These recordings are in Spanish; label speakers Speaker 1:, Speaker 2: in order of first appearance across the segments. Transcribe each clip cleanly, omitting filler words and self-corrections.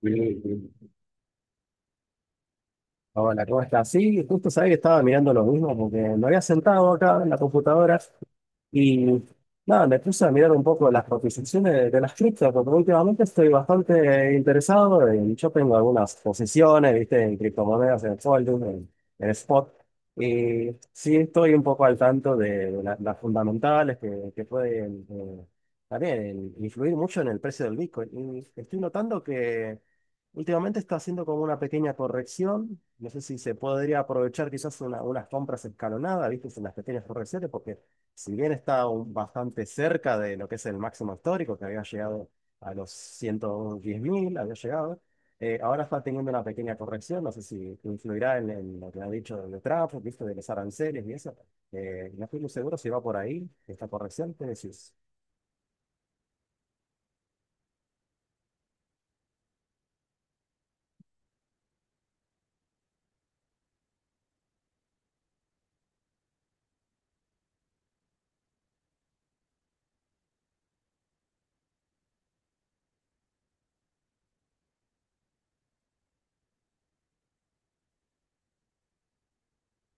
Speaker 1: Sí, sí. Hola, ¿cómo estás? Sí, justo sabía que estaba mirando lo mismo porque me había sentado acá en la computadora y nada, me puse a mirar un poco las cotizaciones de las criptos porque últimamente estoy bastante interesado y yo tengo algunas posiciones, viste, en criptomonedas, en Folding, en Spot y sí estoy un poco al tanto de las fundamentales que pueden también influir mucho en el precio del Bitcoin y estoy notando Últimamente está haciendo como una pequeña corrección. No sé si se podría aprovechar quizás unas compras escalonadas, ¿viste? En las pequeñas correcciones, porque si bien está bastante cerca de lo que es el máximo histórico, que había llegado a los 110 mil, había llegado, ahora está teniendo una pequeña corrección. No sé si influirá en lo que ha dicho de Trump, ¿viste? De los aranceles y eso. No estoy muy seguro si va por ahí esta corrección. ¿Qué decís?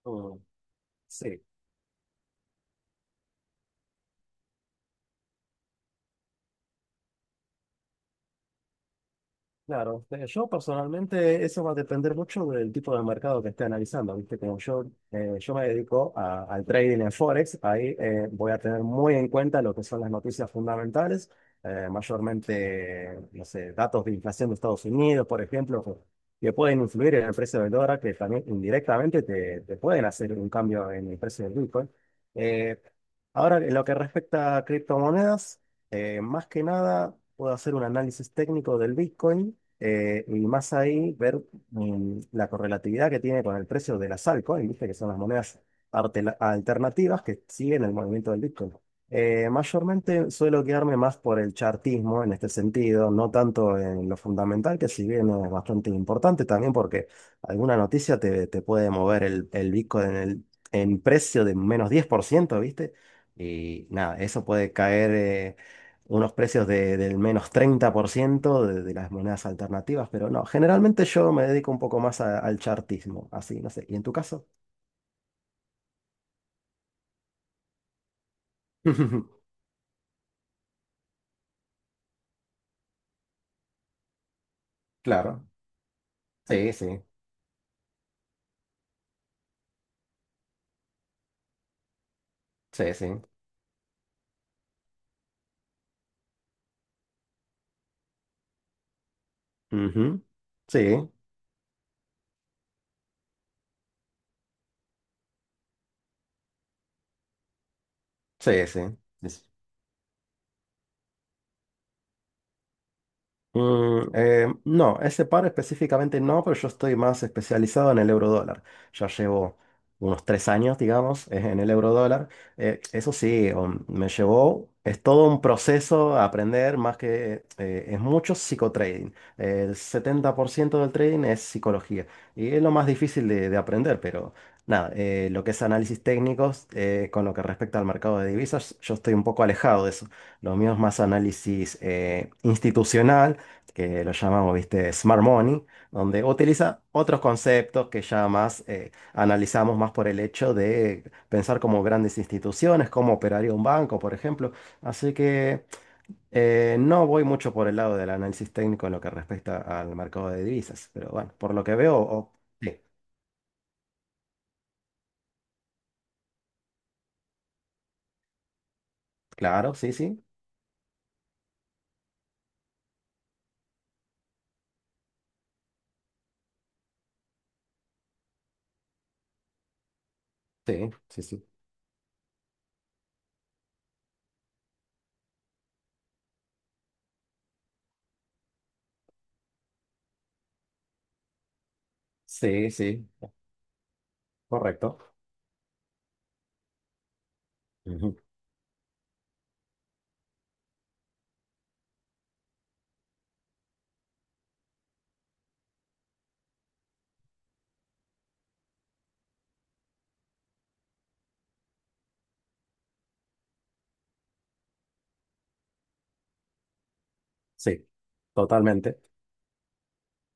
Speaker 1: Mm, sí. Claro, yo personalmente eso va a depender mucho del tipo de mercado que esté analizando, ¿viste? Como yo, yo me dedico al trading en Forex. Ahí voy a tener muy en cuenta lo que son las noticias fundamentales, mayormente, no sé, datos de inflación de Estados Unidos, por ejemplo, que pueden influir en el precio del dólar, que también indirectamente te pueden hacer un cambio en el precio del Bitcoin. Eh, Ahora, en lo que respecta a criptomonedas, más que nada, puedo hacer un análisis técnico del Bitcoin y más ahí ver la correlatividad que tiene con el precio de las altcoins, ¿viste? Que son las monedas alternativas que siguen el movimiento del Bitcoin. Mayormente suelo quedarme más por el chartismo en este sentido, no tanto en lo fundamental, que si bien es bastante importante también porque alguna noticia te puede mover el Bitcoin en precio de menos 10%, ¿viste? Y nada, eso puede caer. Unos precios del menos 30% de las monedas alternativas, pero no, generalmente yo me dedico un poco más al chartismo, así, no sé. ¿Y en tu caso? Claro, sí, sí, sí, sí. Ujú. Sí, sí, sí. No, ese par específicamente no, pero yo estoy más especializado en el eurodólar. Ya llevo unos 3 años, digamos, en el eurodólar. Eso sí, me llevó, es todo un proceso a aprender, más que es mucho psicotrading. El 70% del trading es psicología y es lo más difícil de aprender, pero nada, lo que es análisis técnicos con lo que respecta al mercado de divisas, yo estoy un poco alejado de eso. Lo mío es más análisis institucional, que lo llamamos, viste, Smart Money, donde utiliza otros conceptos que ya más analizamos más por el hecho de pensar como grandes instituciones, cómo operaría un banco, por ejemplo. Así que no voy mucho por el lado del análisis técnico en lo que respecta al mercado de divisas, pero bueno, por lo que veo, sí, claro, sí, sí, sí, sí, sí, sí, sí, correcto. Ujú, sí, totalmente.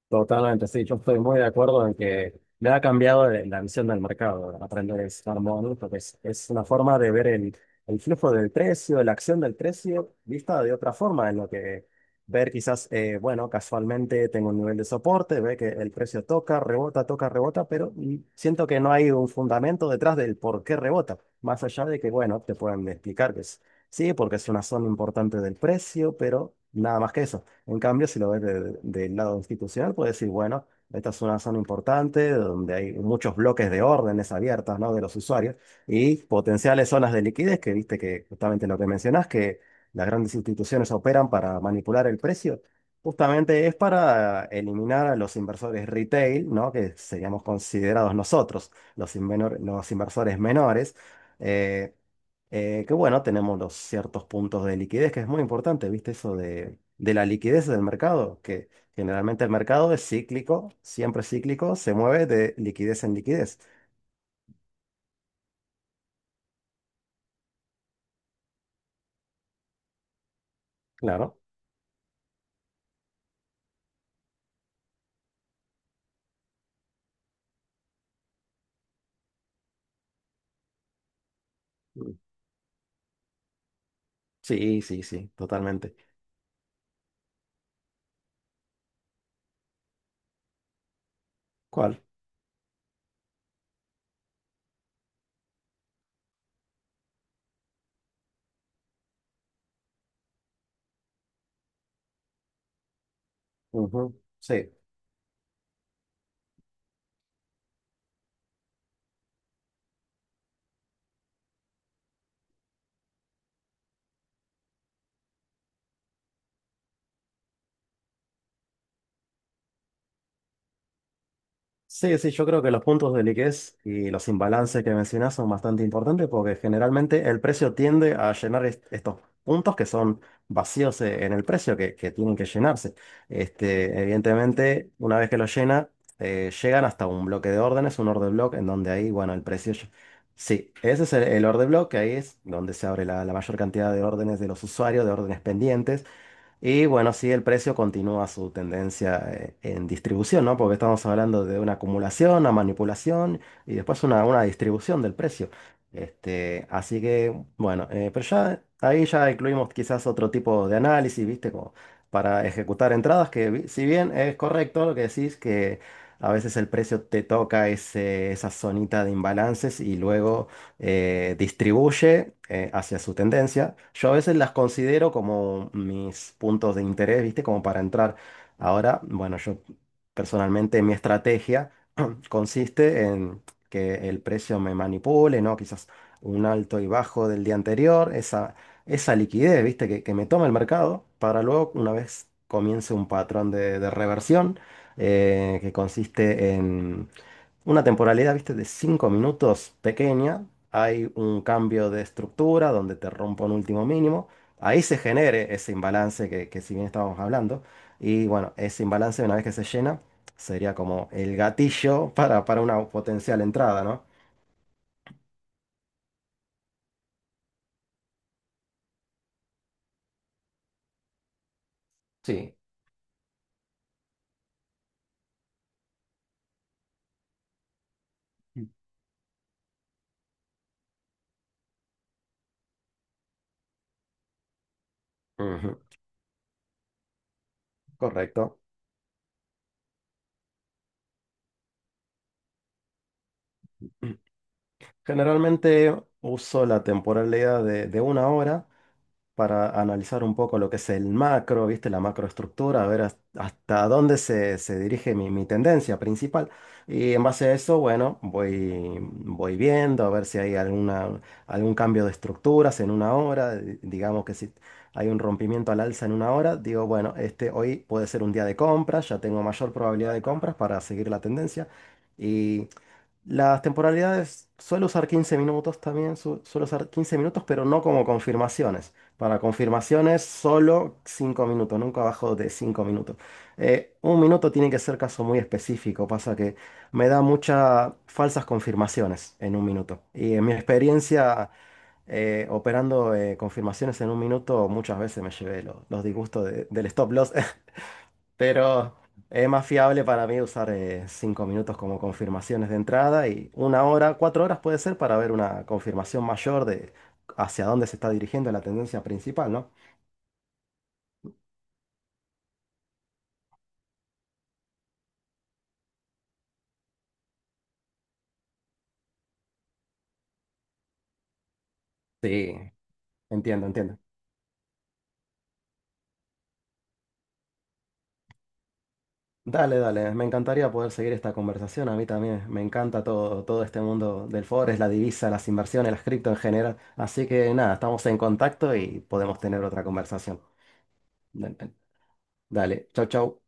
Speaker 1: Totalmente, sí, yo estoy muy de acuerdo en que me ha cambiado la visión del mercado, aprender a estar mono, porque es una forma de ver el flujo del precio, la acción del precio, vista de otra forma, en lo que ver quizás, bueno, casualmente tengo un nivel de soporte, ve que el precio toca, rebota, pero siento que no hay un fundamento detrás del por qué rebota, más allá de que, bueno, te pueden explicar que es, sí, porque es una zona importante del precio, pero nada más que eso. En cambio, si lo ves del lado institucional, puedes decir, bueno, esta es una zona importante donde hay muchos bloques de órdenes abiertas, ¿no? De los usuarios y potenciales zonas de liquidez, que viste que justamente lo que mencionás, que las grandes instituciones operan para manipular el precio, justamente es para eliminar a los inversores retail, ¿no? Que seríamos considerados nosotros, los, los inversores menores. eh, que bueno, tenemos los ciertos puntos de liquidez, que es muy importante, ¿viste? Eso de la liquidez del mercado, que generalmente el mercado es cíclico, siempre cíclico, se mueve de liquidez en liquidez. Claro. Mm. Sí, sí, sí, totalmente. ¿Cuál? Ujú, sí. Sí, sí, yo creo que los puntos de liquidez y los imbalances que mencionas son bastante importantes porque generalmente el precio tiende a llenar estos puntos que son vacíos en el precio, que tienen que llenarse. Este, evidentemente, una vez que lo llena, llegan hasta un bloque de órdenes, un order block, en donde ahí, bueno, el precio. Sí, ese es el order block, que ahí es donde se abre la mayor cantidad de órdenes de los usuarios, de órdenes pendientes. Y bueno, sí, el precio continúa su tendencia en distribución, ¿no? Porque estamos hablando de una acumulación, una manipulación y después una distribución del precio. Este, así que, bueno, pero ya ahí ya incluimos quizás otro tipo de análisis, ¿viste? Como para ejecutar entradas, que si bien es correcto lo que decís, que a veces el precio te toca ese, esa zonita de imbalances y luego distribuye hacia su tendencia. Yo a veces las considero como mis puntos de interés, ¿viste? Como para entrar. Ahora, bueno, yo personalmente mi estrategia consiste en que el precio me manipule, ¿no? Quizás un alto y bajo del día anterior, esa liquidez, ¿viste? Que me toma el mercado para luego, una vez comience un patrón de reversión, que consiste en una temporalidad, viste, de 5 minutos pequeña. Hay un cambio de estructura donde te rompo un último mínimo. Ahí se genere ese imbalance que si bien estábamos hablando. Y bueno, ese imbalance una vez que se llena sería como el gatillo para una potencial entrada, ¿no? Sí. Ujú, correcto. Generalmente uso la temporalidad de una hora para analizar un poco lo que es el macro, ¿viste? La macroestructura, a ver hasta dónde se dirige mi tendencia principal. Y en base a eso, bueno, voy viendo a ver si hay alguna, algún cambio de estructuras en una hora. Digamos que si hay un rompimiento al alza en una hora, digo, bueno, este hoy puede ser un día de compras, ya tengo mayor probabilidad de compras para seguir la tendencia. Y las temporalidades, suelo usar 15 minutos también, suelo usar 15 minutos, pero no como confirmaciones. Para confirmaciones, solo 5 minutos, nunca abajo de 5 minutos. Un minuto tiene que ser caso muy específico, pasa que me da muchas falsas confirmaciones en un minuto. Y en mi experiencia operando confirmaciones en un minuto, muchas veces me llevé los disgustos del stop loss, pero es más fiable para mí usar 5 minutos como confirmaciones de entrada y una hora, 4 horas puede ser para ver una confirmación mayor de hacia dónde se está dirigiendo la tendencia principal, ¿no? Sí, entiendo, entiendo. Dale, dale, me encantaría poder seguir esta conversación, a mí también, me encanta todo, todo este mundo del forex, la divisa, las inversiones, las cripto en general, así que nada, estamos en contacto y podemos tener otra conversación. Dale, dale. Chau, chau.